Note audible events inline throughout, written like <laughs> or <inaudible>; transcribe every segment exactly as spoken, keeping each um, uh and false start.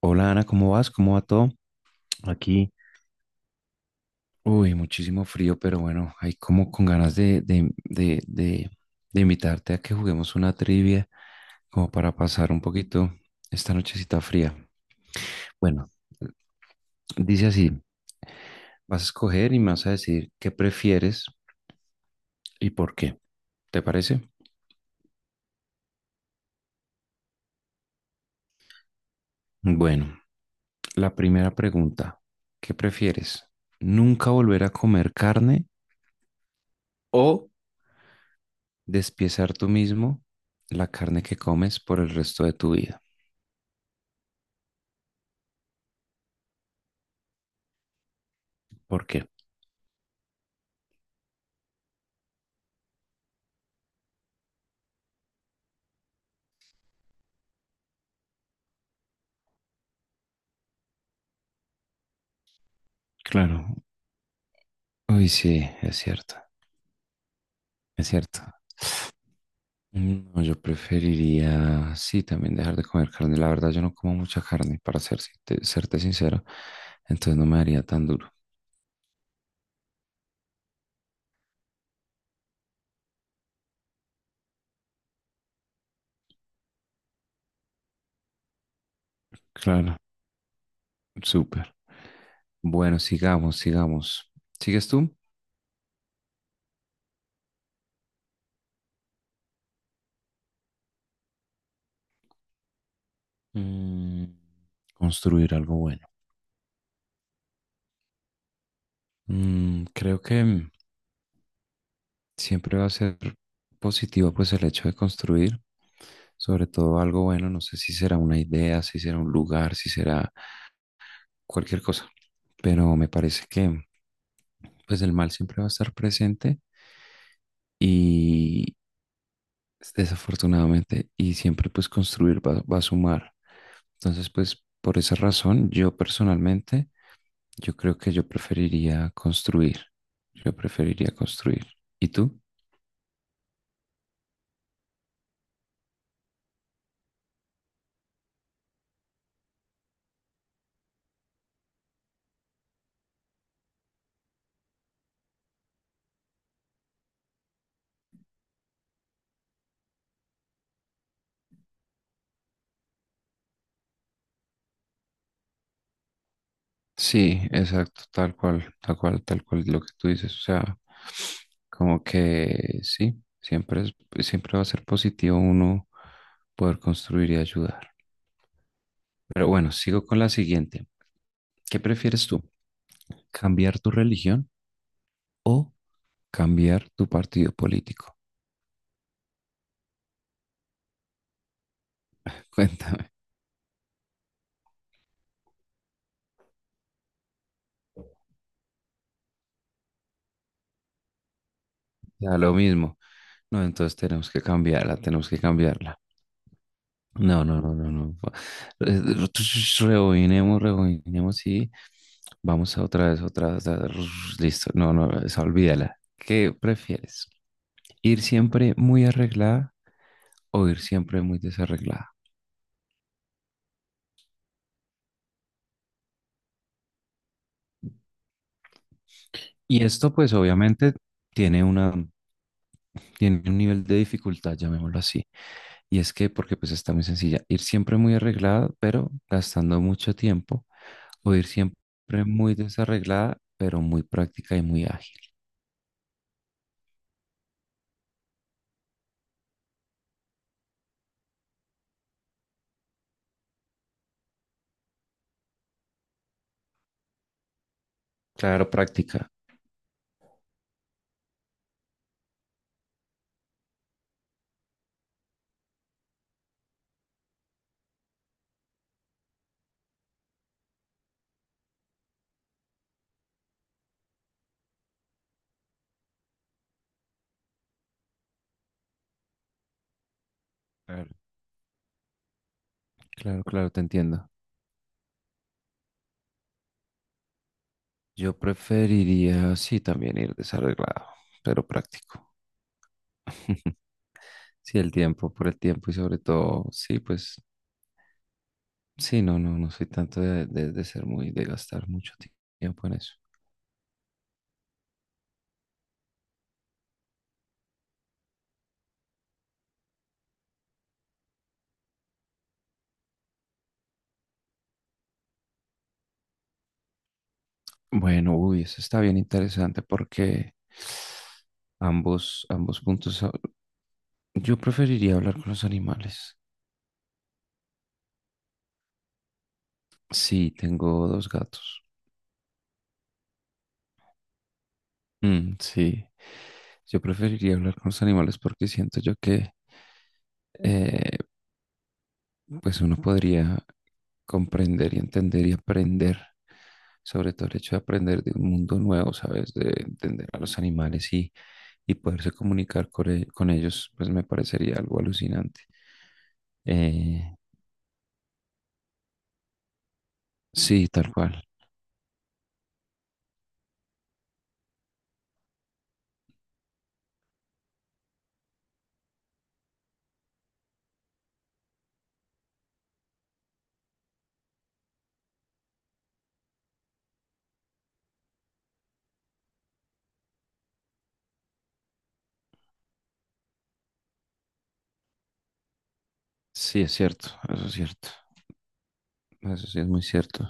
Hola Ana, ¿cómo vas? ¿Cómo va todo? Aquí, uy, muchísimo frío, pero bueno, hay como con ganas de, de, de, de, de invitarte a que juguemos una trivia, como para pasar un poquito esta nochecita fría. Bueno, dice así, vas a escoger y me vas a decir qué prefieres y por qué, ¿te parece? Bueno, la primera pregunta, ¿qué prefieres? ¿Nunca volver a comer carne o despiezar tú mismo la carne que comes por el resto de tu vida? ¿Por qué? Claro. Uy, sí, es cierto, es cierto. No, yo preferiría, sí, también dejar de comer carne. La verdad, yo no como mucha carne, para ser, sin- serte sincero. Entonces no me haría tan duro. Claro, súper. Bueno, sigamos, sigamos. ¿Sigues tú? Mm, construir algo bueno. Mm, creo que siempre va a ser positivo pues el hecho de construir, sobre todo algo bueno, no sé si será una idea, si será un lugar, si será cualquier cosa, pero me parece que pues el mal siempre va a estar presente y desafortunadamente y siempre pues construir va, va a sumar. Entonces pues por esa razón yo personalmente yo creo que yo preferiría construir, yo preferiría construir. ¿Y tú? Sí, exacto, tal cual, tal cual, tal cual lo que tú dices. O sea, como que sí, siempre es, siempre va a ser positivo uno poder construir y ayudar. Pero bueno, sigo con la siguiente. ¿Qué prefieres tú? ¿Cambiar tu religión o cambiar tu partido político? <laughs> Cuéntame. Ya lo mismo. No, entonces tenemos que cambiarla, tenemos que cambiarla. No, no, no, no, no. Eh, <tsk> Rebobinemos, rebobinemos y vamos a otra vez, otra vez. a- <tsk> Listo. No, no, esa olvídala. ¿Qué prefieres? ¿Ir siempre muy arreglada o ir siempre muy desarreglada? Y esto, pues, obviamente tiene una, tiene un nivel de dificultad, llamémoslo así. Y es que, porque pues está muy sencilla, ir siempre muy arreglada, pero gastando mucho tiempo, o ir siempre muy desarreglada, pero muy práctica y muy ágil. Claro, práctica. Claro. Claro, claro, te entiendo. Yo preferiría, sí, también ir desarreglado, pero práctico. <laughs> Sí, el tiempo, por el tiempo y sobre todo, sí, pues, sí, no, no, no soy tanto de, de- de ser muy, de gastar mucho ti- tiempo en eso. Bueno, uy, eso está bien interesante porque ambos, ambos puntos, ah, yo preferiría hablar con los animales. Sí, tengo dos gatos. Mm, sí, yo preferiría hablar con los animales porque siento yo que eh, pues uno podría comprender y entender y aprender, sobre todo el hecho de aprender de un mundo nuevo, ¿sabes? De entender a los animales y, y poderse comunicar con, e- con ellos, pues me parecería algo alucinante. Eh, sí, tal cual. Sí, es cierto, eso es cierto, eso sí es muy cierto.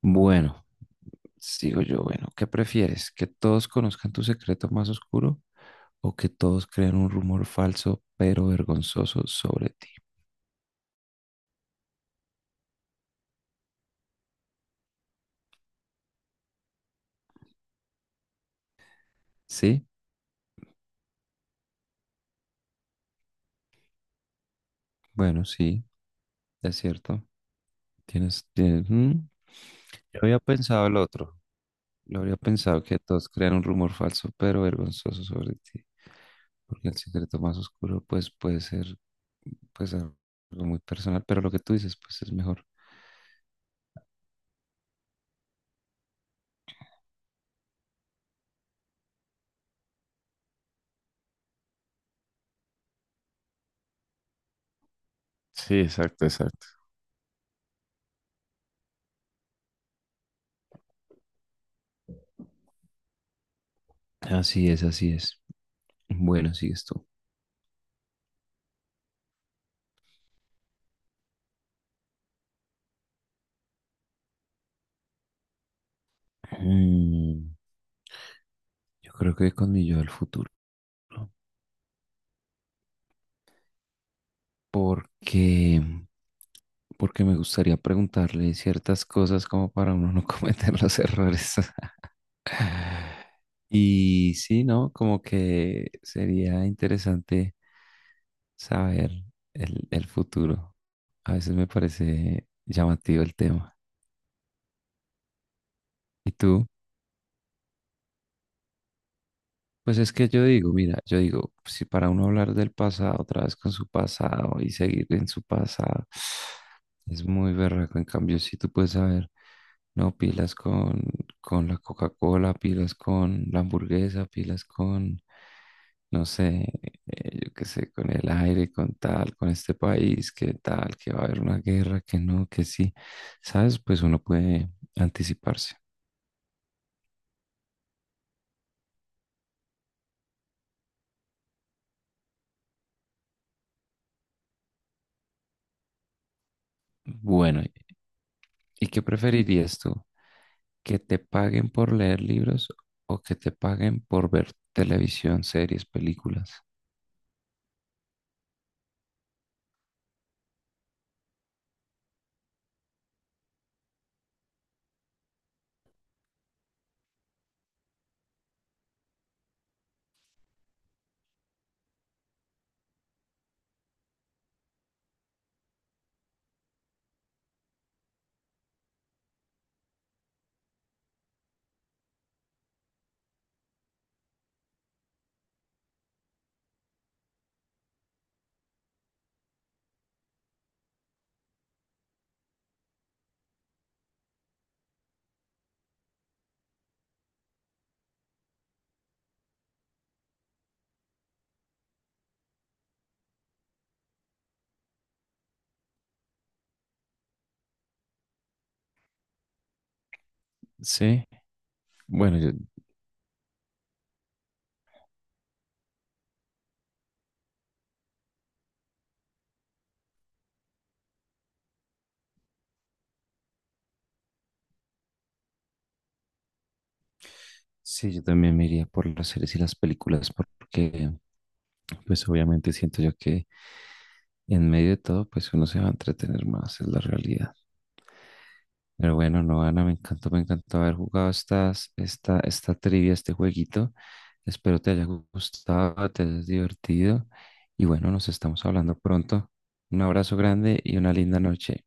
Bueno. Sigo yo, bueno, ¿qué prefieres? ¿Que todos conozcan tu secreto más oscuro o que todos crean un rumor falso pero vergonzoso sobre ti? Sí, bueno, sí, es cierto. Tienes, tienes- mm, Yo había pensado el otro. Yo habría pensado que todos crean un rumor falso pero vergonzoso sobre ti, porque el secreto más oscuro pues puede ser pues algo muy personal, pero lo que tú dices pues es mejor. Sí, exacto, exacto. Así es, así es. Bueno, sigues tú. Mm. Yo creo que con mi yo del futuro, ¿no? Porque, porque me gustaría preguntarle ciertas cosas como para uno no <laughs> cometer los errores. <laughs> Y sí, ¿no? Como que sería interesante saber el, el futuro. A veces me parece llamativo el tema. ¿Y tú? Pues es que yo digo, mira, yo digo, si para uno hablar del pasado otra vez con su pasado y seguir en su pasado, <sniffs> es muy berraco. En cambio, si tú puedes saber, no, pilas con, con la Coca-Cola, pilas con la hamburguesa, pilas con, no sé, eh, yo qué sé, con el aire, con tal, con este país, que tal, que va a haber una guerra, que no, que sí. ¿Sabes? Pues uno puede anticiparse. Bueno, ¿y qué preferirías tú? ¿Que te paguen por leer libros o que te paguen por ver televisión, series, películas? Sí, bueno, yo, sí, yo también me iría por las series y las películas porque pues obviamente siento yo que en medio de todo pues uno se va a entretener más, es la realidad. Pero bueno, no, Ana, me encantó, me encantó haber jugado estas, esta, esta trivia, este jueguito. Espero te haya gustado, te hayas divertido y bueno, nos estamos hablando pronto. Un abrazo grande y una linda noche.